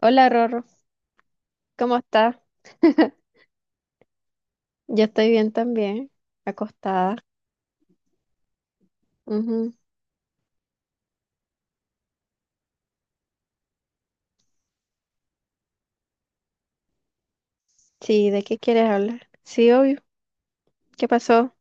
Hola Rorro, ¿cómo estás? Yo estoy bien también, acostada. Ujú. Sí, ¿de qué quieres hablar? Sí, obvio. ¿Qué pasó?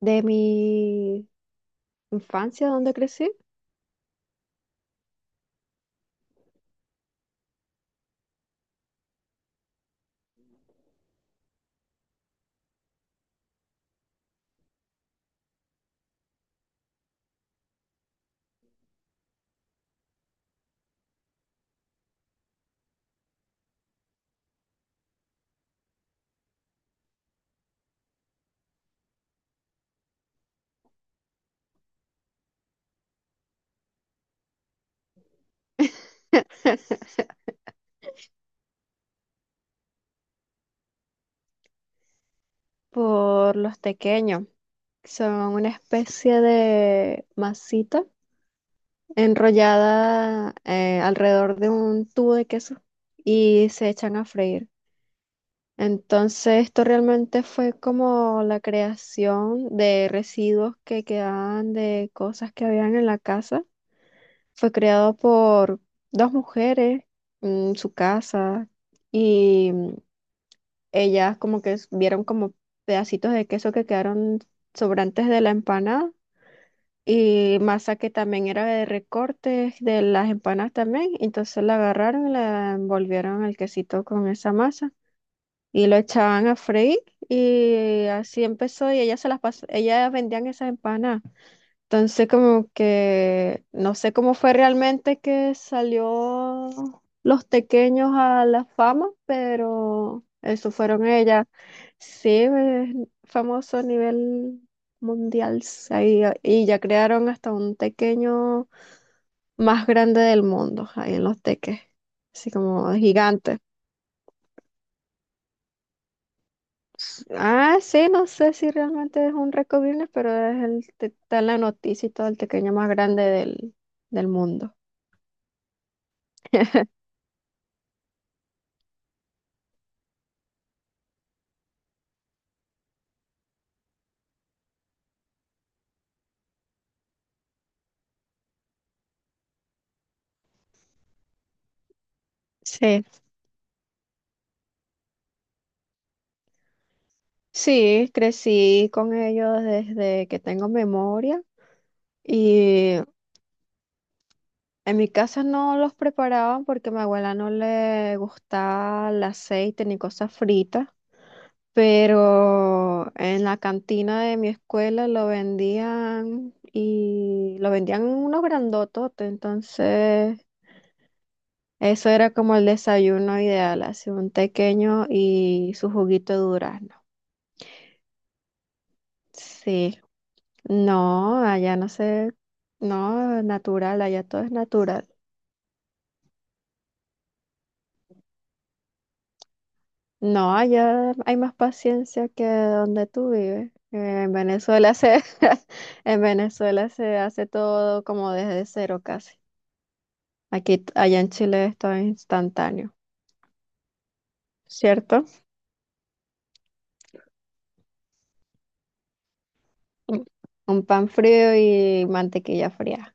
¿De mi infancia, dónde crecí? Por los tequeños. Son una especie de masita enrollada alrededor de un tubo de queso y se echan a freír. Entonces, esto realmente fue como la creación de residuos que quedaban de cosas que habían en la casa. Fue creado por dos mujeres en su casa y ellas como que vieron como pedacitos de queso que quedaron sobrantes de la empanada y masa que también era de recortes de las empanadas también. Entonces la agarraron y la envolvieron el quesito con esa masa y lo echaban a freír y así empezó y ellas se las pas- ellas vendían esas empanadas. Entonces como que no sé cómo fue realmente que salió los tequeños a la fama, pero eso fueron ellas. Sí, famoso a nivel mundial sí, ahí, ah, y ya crearon hasta un tequeño más grande del mundo ahí en los teques, así como gigante. Ah, sí, no sé si realmente es un récord Guinness, pero está en la noticia y todo el pequeño más grande del mundo. Sí. Sí, crecí con ellos desde que tengo memoria y en mi casa no los preparaban porque a mi abuela no le gustaba el aceite ni cosas fritas, pero en la cantina de mi escuela lo vendían y lo vendían unos grandototes, entonces... Eso era como el desayuno ideal, así un tequeño y su juguito de durazno. Sí, no, allá no sé, no, natural, allá todo es natural. No, allá hay más paciencia que donde tú vives. En Venezuela se, en Venezuela se hace todo como desde cero casi. Aquí, allá en Chile es todo instantáneo, ¿cierto? Mm. Un pan frío y mantequilla fría.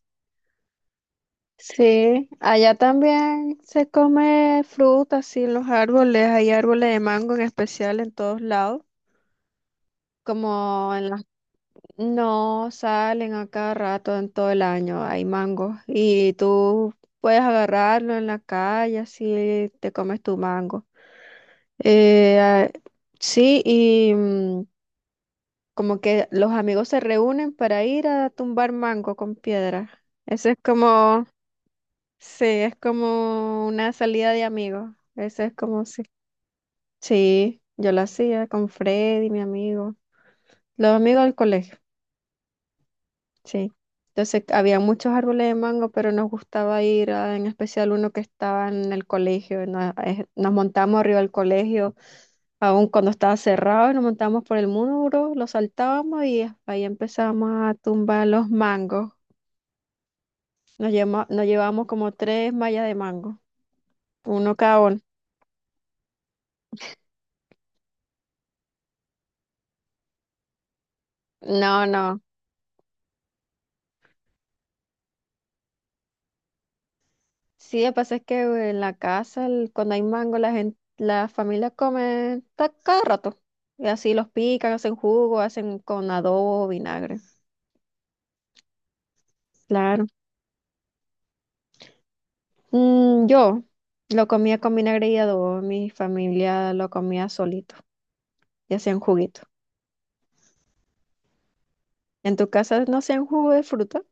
Sí, allá también se come fruta, sí, los árboles, hay árboles de mango en especial en todos lados, como en las No salen a cada rato en todo el año, hay mangos y tú puedes agarrarlo en la calle, así te comes tu mango. Eh, ah, sí, y como que los amigos se reúnen para ir a tumbar mango con piedra. Eso es como Sí, es como una salida de amigos. Eso es como si. Sí, yo lo hacía con Freddy, mi amigo. Los amigos del colegio, sí. Entonces había muchos árboles de mango, pero nos gustaba ir a, en especial uno que estaba en el colegio. Nos montamos arriba del colegio, aún cuando estaba cerrado, y nos montábamos por el muro, lo saltábamos y ahí empezábamos a tumbar los mangos. Nos llevábamos como tres mallas de mango, uno cada uno. No, no. Sí, lo que pasa es que en la casa, cuando hay mango, la gente, la familia cada rato. Y así los pican, hacen jugo, hacen con adobo, vinagre. Claro. Yo lo comía con vinagre y adobo, mi familia lo comía solito y hacían juguito. ¿En tu casa no hacían jugo de fruta?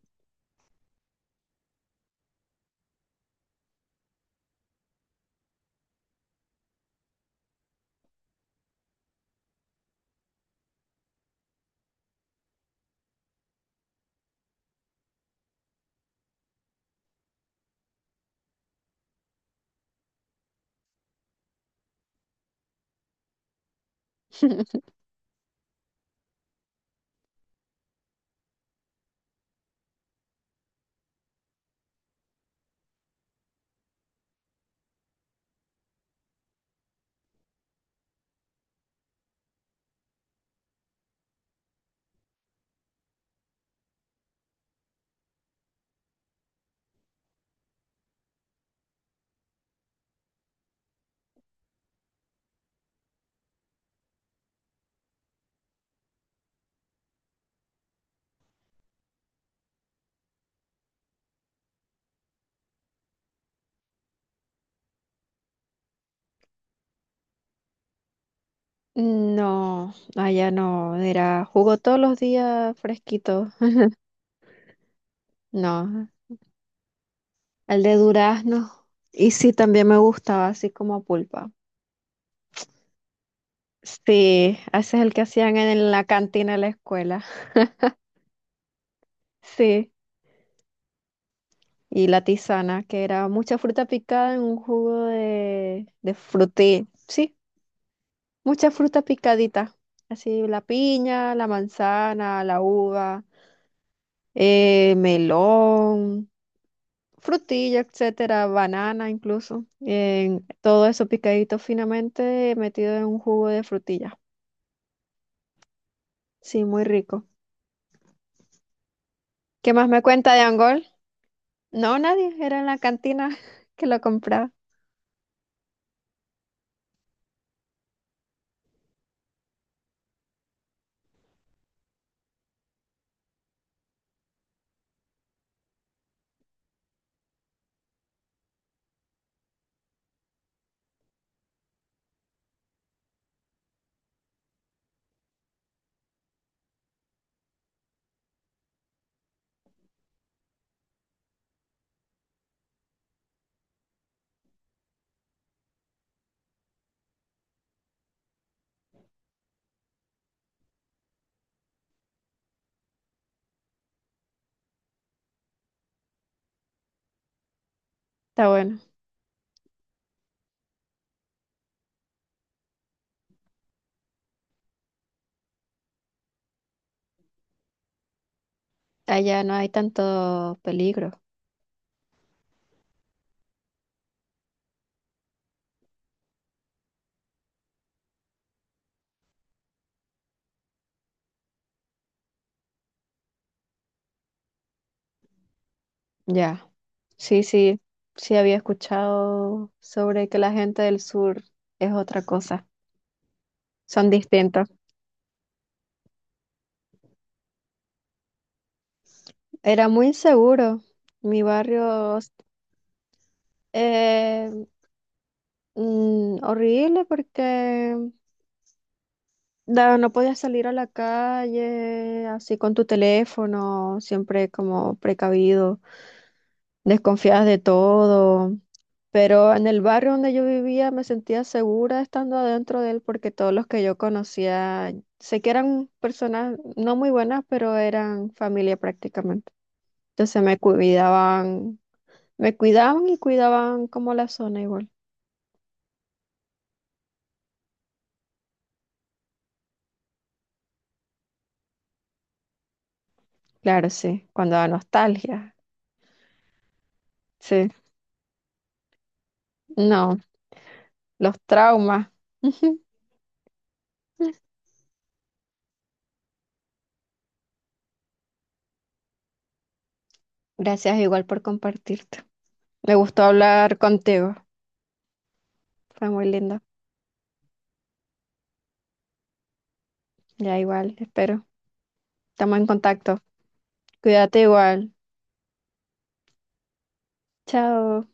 No, allá no, era jugo todos los días fresquito. No, el de durazno. Y sí, también me gustaba así como pulpa. Sí, ese es el que hacían en la cantina de la escuela. Sí, y la tisana, que era mucha fruta picada en un jugo de frutí. Sí, mucha fruta picadita. Así la piña, la manzana, la uva, melón, frutilla, etcétera, banana incluso. Todo eso picadito finamente metido en un jugo de frutilla. Sí, muy rico. ¿Qué más me cuenta de Angol? No, nadie, era en la cantina que lo compraba. Está bueno. Allá no hay tanto peligro. Ya. Sí, sí, sí había escuchado sobre que la gente del sur es otra cosa. Son distintos. Era muy inseguro. Mi barrio, eh, horrible porque no podías salir a la calle así con tu teléfono, siempre como precavido, desconfiadas de todo. Pero en el barrio donde yo vivía me sentía segura estando adentro de él porque todos los que yo conocía, sé que eran personas no muy buenas, pero eran familia prácticamente. Entonces me cuidaban y cuidaban como la zona igual. Claro, sí, cuando da nostalgia, sí, no, los traumas. Gracias igual por compartirte. Me gustó hablar contigo. Fue muy lindo. Ya igual, espero. Estamos en contacto. Cuídate igual. Chao.